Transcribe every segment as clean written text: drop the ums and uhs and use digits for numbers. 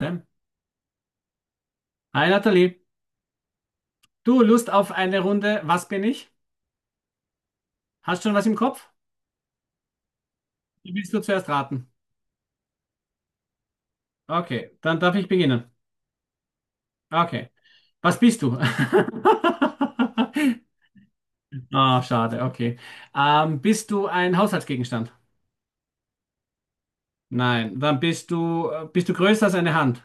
Ne? Hi Nathalie, du Lust auf eine Runde Was bin ich? Hast schon was im Kopf? Wie Willst du zuerst raten? Okay, dann darf ich beginnen. Okay, was bist du? Ah, schade, okay. Bist du ein Haushaltsgegenstand? Nein, dann bist du größer als eine Hand?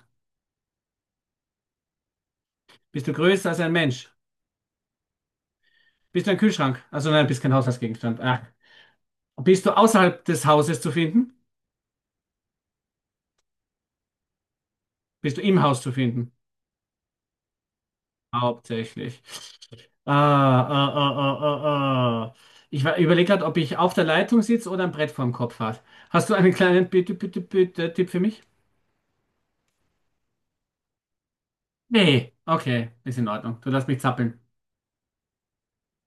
Bist du größer als ein Mensch? Bist du ein Kühlschrank? Also nein, bist kein Haushaltsgegenstand. Ah. Bist du außerhalb des Hauses zu finden? Bist du im Haus zu finden? Hauptsächlich. Ah, ah, ah, ah, ah, ah. Ich überlege gerade, ob ich auf der Leitung sitze oder ein Brett vorm Kopf habe. Hast du einen kleinen bitte, bitte, bitte Tipp für mich? Nee, okay, ist in Ordnung. Du lässt mich zappeln.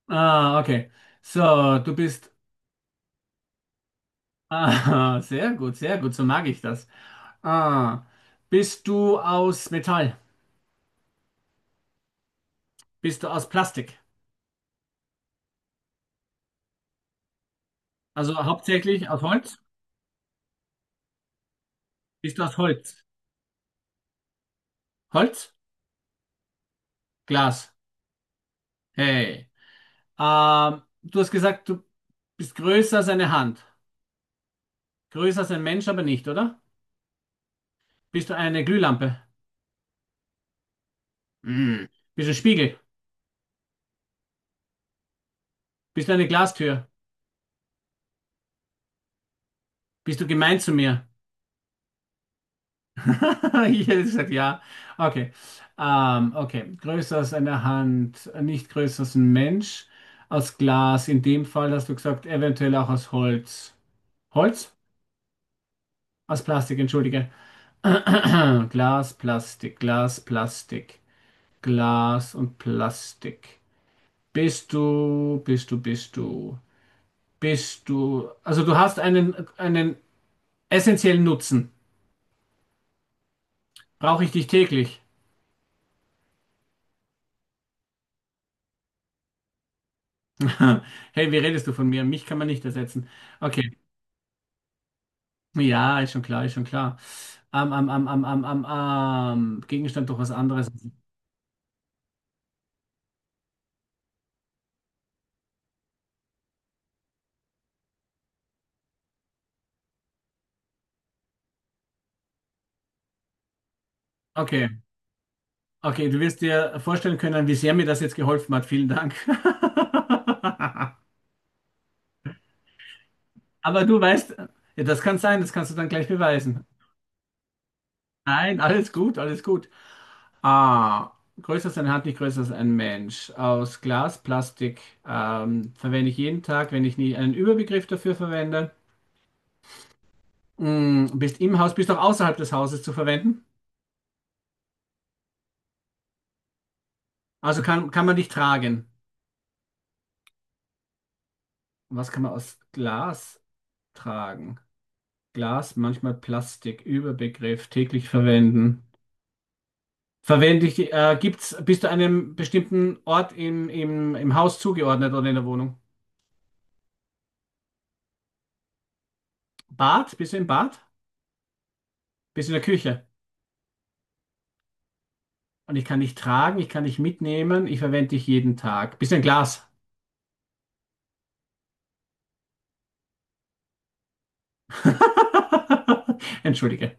Ah, okay. So, du bist. Ah, sehr gut, sehr gut, so mag ich das. Ah, bist du aus Metall? Bist du aus Plastik? Also hauptsächlich aus Holz? Bist du aus Holz? Holz? Glas. Hey. Du hast gesagt, du bist größer als eine Hand. Größer als ein Mensch, aber nicht, oder? Bist du eine Glühlampe? Mm. Bist du ein Spiegel? Bist du eine Glastür? Bist du gemein zu mir? Ich hätte gesagt, ja. Okay. Okay. Größer als eine Hand, nicht größer als ein Mensch. Aus Glas, in dem Fall hast du gesagt, eventuell auch aus Holz. Holz? Aus Plastik, entschuldige. Glas, Plastik, Glas, Plastik. Glas und Plastik. Bist du, bist du, bist du, bist du. Also du hast einen essentiellen Nutzen. Brauche ich dich täglich? Hey, wie redest du von mir? Mich kann man nicht ersetzen. Okay, ja, ist schon klar, ist schon klar. Am, am, am, am, am, am, am. Gegenstand doch was anderes. Okay, okay, du wirst dir vorstellen können, wie sehr mir das jetzt geholfen hat. Vielen Dank. Aber du weißt, ja, das kann sein, das kannst du dann gleich beweisen. Nein, alles gut, alles gut. A. Größer als eine Hand, nicht größer als ein Mensch. Aus Glas, Plastik, verwende ich jeden Tag, wenn ich nie einen Überbegriff dafür verwende. Mm, bist im Haus, bist auch außerhalb des Hauses zu verwenden. Also kann man dich tragen? Was kann man aus Glas tragen? Glas, manchmal Plastik, Überbegriff, täglich verwenden. Verwende ich, bist du einem bestimmten Ort im Haus zugeordnet oder in der Wohnung? Bad? Bist du im Bad? Bist du in der Küche? Und ich kann dich tragen, ich kann dich mitnehmen, ich verwende dich jeden Tag. Bist du ein Glas? Entschuldige.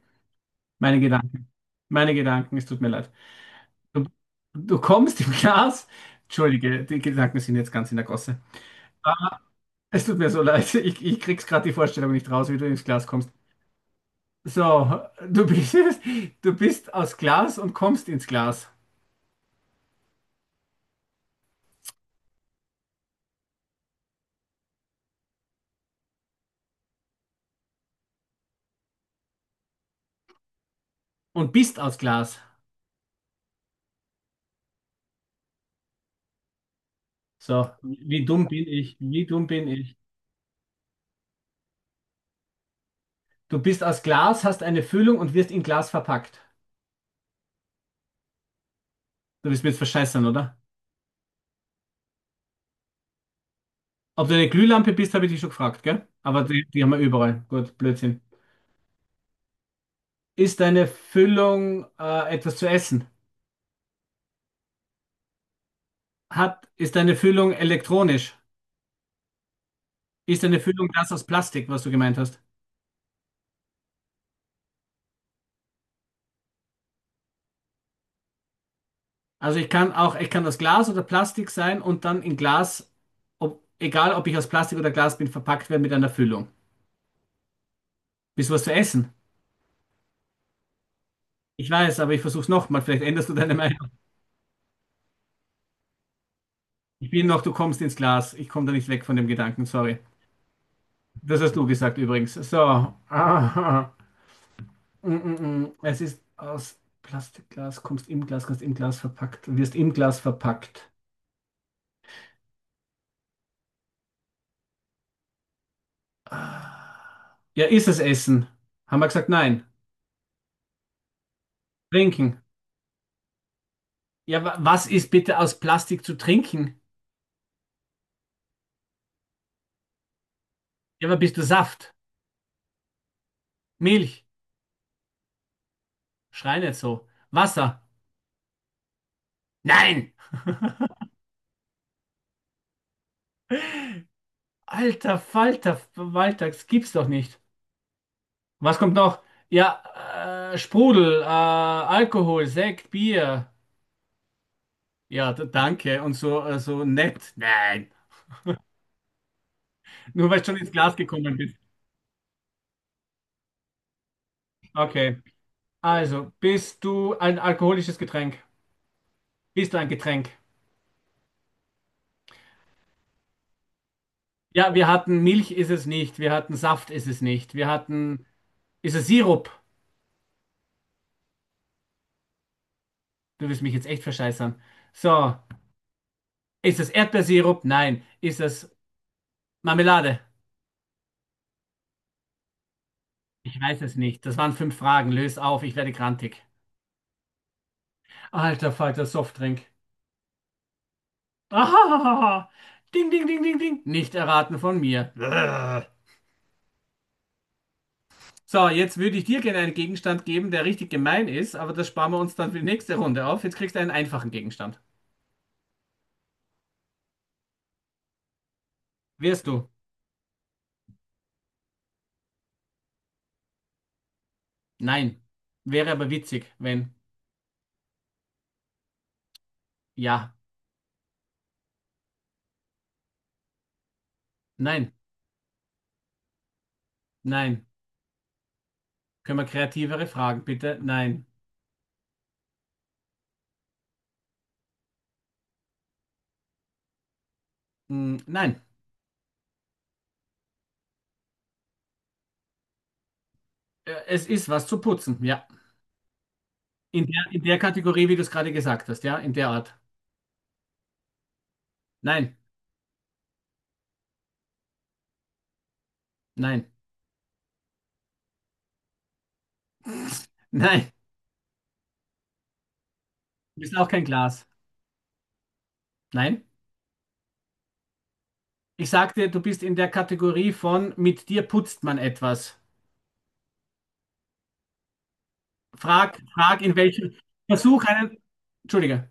Meine Gedanken, meine Gedanken, es tut mir leid. Du, du kommst im Glas. Entschuldige, die Gedanken sind jetzt ganz in der Gosse. Ah, es tut mir so leid, ich krieg's gerade die Vorstellung nicht raus, wie du ins Glas kommst. So, du bist, du bist aus Glas und kommst ins Glas. Und bist aus Glas. So, wie dumm bin ich, wie dumm bin ich. Du bist aus Glas, hast eine Füllung und wirst in Glas verpackt. Du willst mir jetzt verscheißern, oder? Ob du eine Glühlampe bist, habe ich dich schon gefragt, gell? Aber die haben wir überall. Gut, Blödsinn. Ist deine Füllung etwas zu essen? Ist deine Füllung elektronisch? Ist deine Füllung das aus Plastik, was du gemeint hast? Also ich kann auch, ich kann aus Glas oder Plastik sein und dann in Glas, ob, egal ob ich aus Plastik oder Glas bin, verpackt werden mit einer Füllung. Bist du was zu essen? Ich weiß, aber ich versuch's nochmal. Vielleicht änderst du deine Meinung. Ich bin noch, du kommst ins Glas. Ich komme da nicht weg von dem Gedanken, sorry. Das hast du gesagt übrigens. So. Aha. Mm, mm, mm. Es ist aus Plastikglas, kommst im Glas, kannst im Glas verpackt, wirst im Glas verpackt. Ah. Ja, ist es Essen? Haben wir gesagt, nein. Trinken. Ja, wa was ist bitte aus Plastik zu trinken? Ja, aber bist du Saft? Milch? Schrei nicht so. Wasser? Nein! Alter Falter, Walter, das gibt's doch nicht. Was kommt noch? Ja, Sprudel, Alkohol, Sekt, Bier. Ja, danke. Und so, also nett. Nein. Nur weil du schon ins Glas gekommen bist. Okay. Also, bist du ein alkoholisches Getränk? Bist du ein Getränk? Ja, wir hatten Milch ist es nicht. Wir hatten Saft ist es nicht. Wir hatten. Ist es Sirup? Du wirst mich jetzt echt verscheißern. So. Ist es Erdbeersirup? Nein. Ist es Marmelade? Ich weiß es nicht. Das waren 5 Fragen. Lös auf, ich werde grantig. Alter Falter, Softdrink. Ah, ding, ding, ding, ding, ding. Nicht erraten von mir. Brrr. So, jetzt würde ich dir gerne einen Gegenstand geben, der richtig gemein ist, aber das sparen wir uns dann für die nächste Runde auf. Jetzt kriegst du einen einfachen Gegenstand. Wirst du? Nein. Wäre aber witzig, wenn. Ja. Nein. Nein. Können wir kreativere Fragen, bitte? Nein. Hm, nein. Es ist was zu putzen, ja. In der Kategorie, wie du es gerade gesagt hast, ja? In der Art. Nein. Nein. Nein. Du bist auch kein Glas. Nein. Ich sagte, du bist in der Kategorie von mit dir putzt man etwas. Frag in welchem, versuch einen, entschuldige,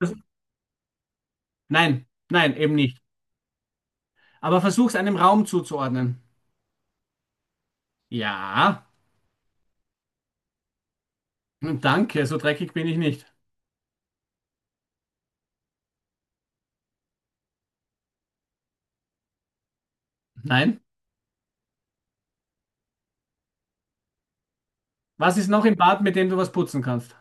das, nein, nein, eben nicht. Aber versuch es einem Raum zuzuordnen. Ja, hm, danke, so dreckig bin ich nicht. Nein. Was ist noch im Bad, mit dem du was putzen kannst?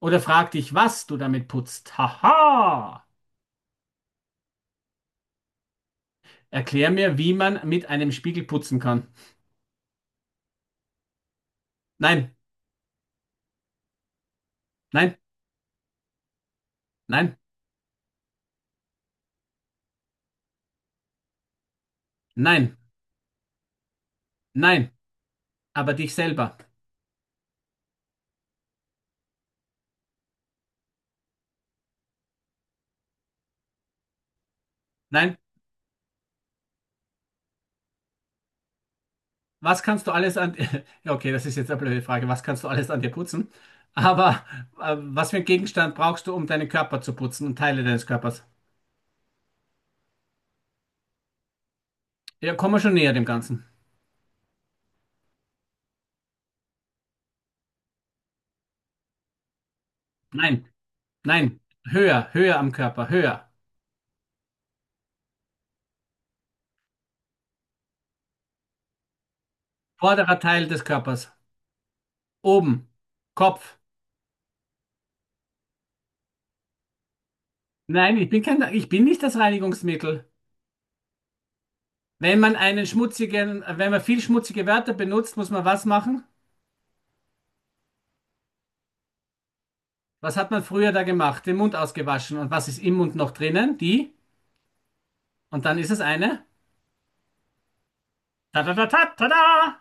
Oder frag dich, was du damit putzt. Haha! Erklär mir, wie man mit einem Spiegel putzen kann. Nein, nein, nein, nein, nein. Aber dich selber. Nein, was kannst du alles an, ja, okay, das ist jetzt eine blöde Frage. Was kannst du alles an dir putzen? Aber was für einen Gegenstand brauchst du, um deinen Körper zu putzen und Teile deines Körpers? Ja, komm mal schon näher dem Ganzen. Nein, nein, höher, höher am Körper, höher. Vorderer Teil des Körpers, oben, Kopf. Nein, ich bin kein, ich bin nicht das Reinigungsmittel. Wenn man einen schmutzigen, wenn man viel schmutzige Wörter benutzt, muss man was machen? Was hat man früher da gemacht? Den Mund ausgewaschen. Und was ist im Mund noch drinnen? Die? Und dann ist es eine? Ta-ta-ta-ta-ta-da!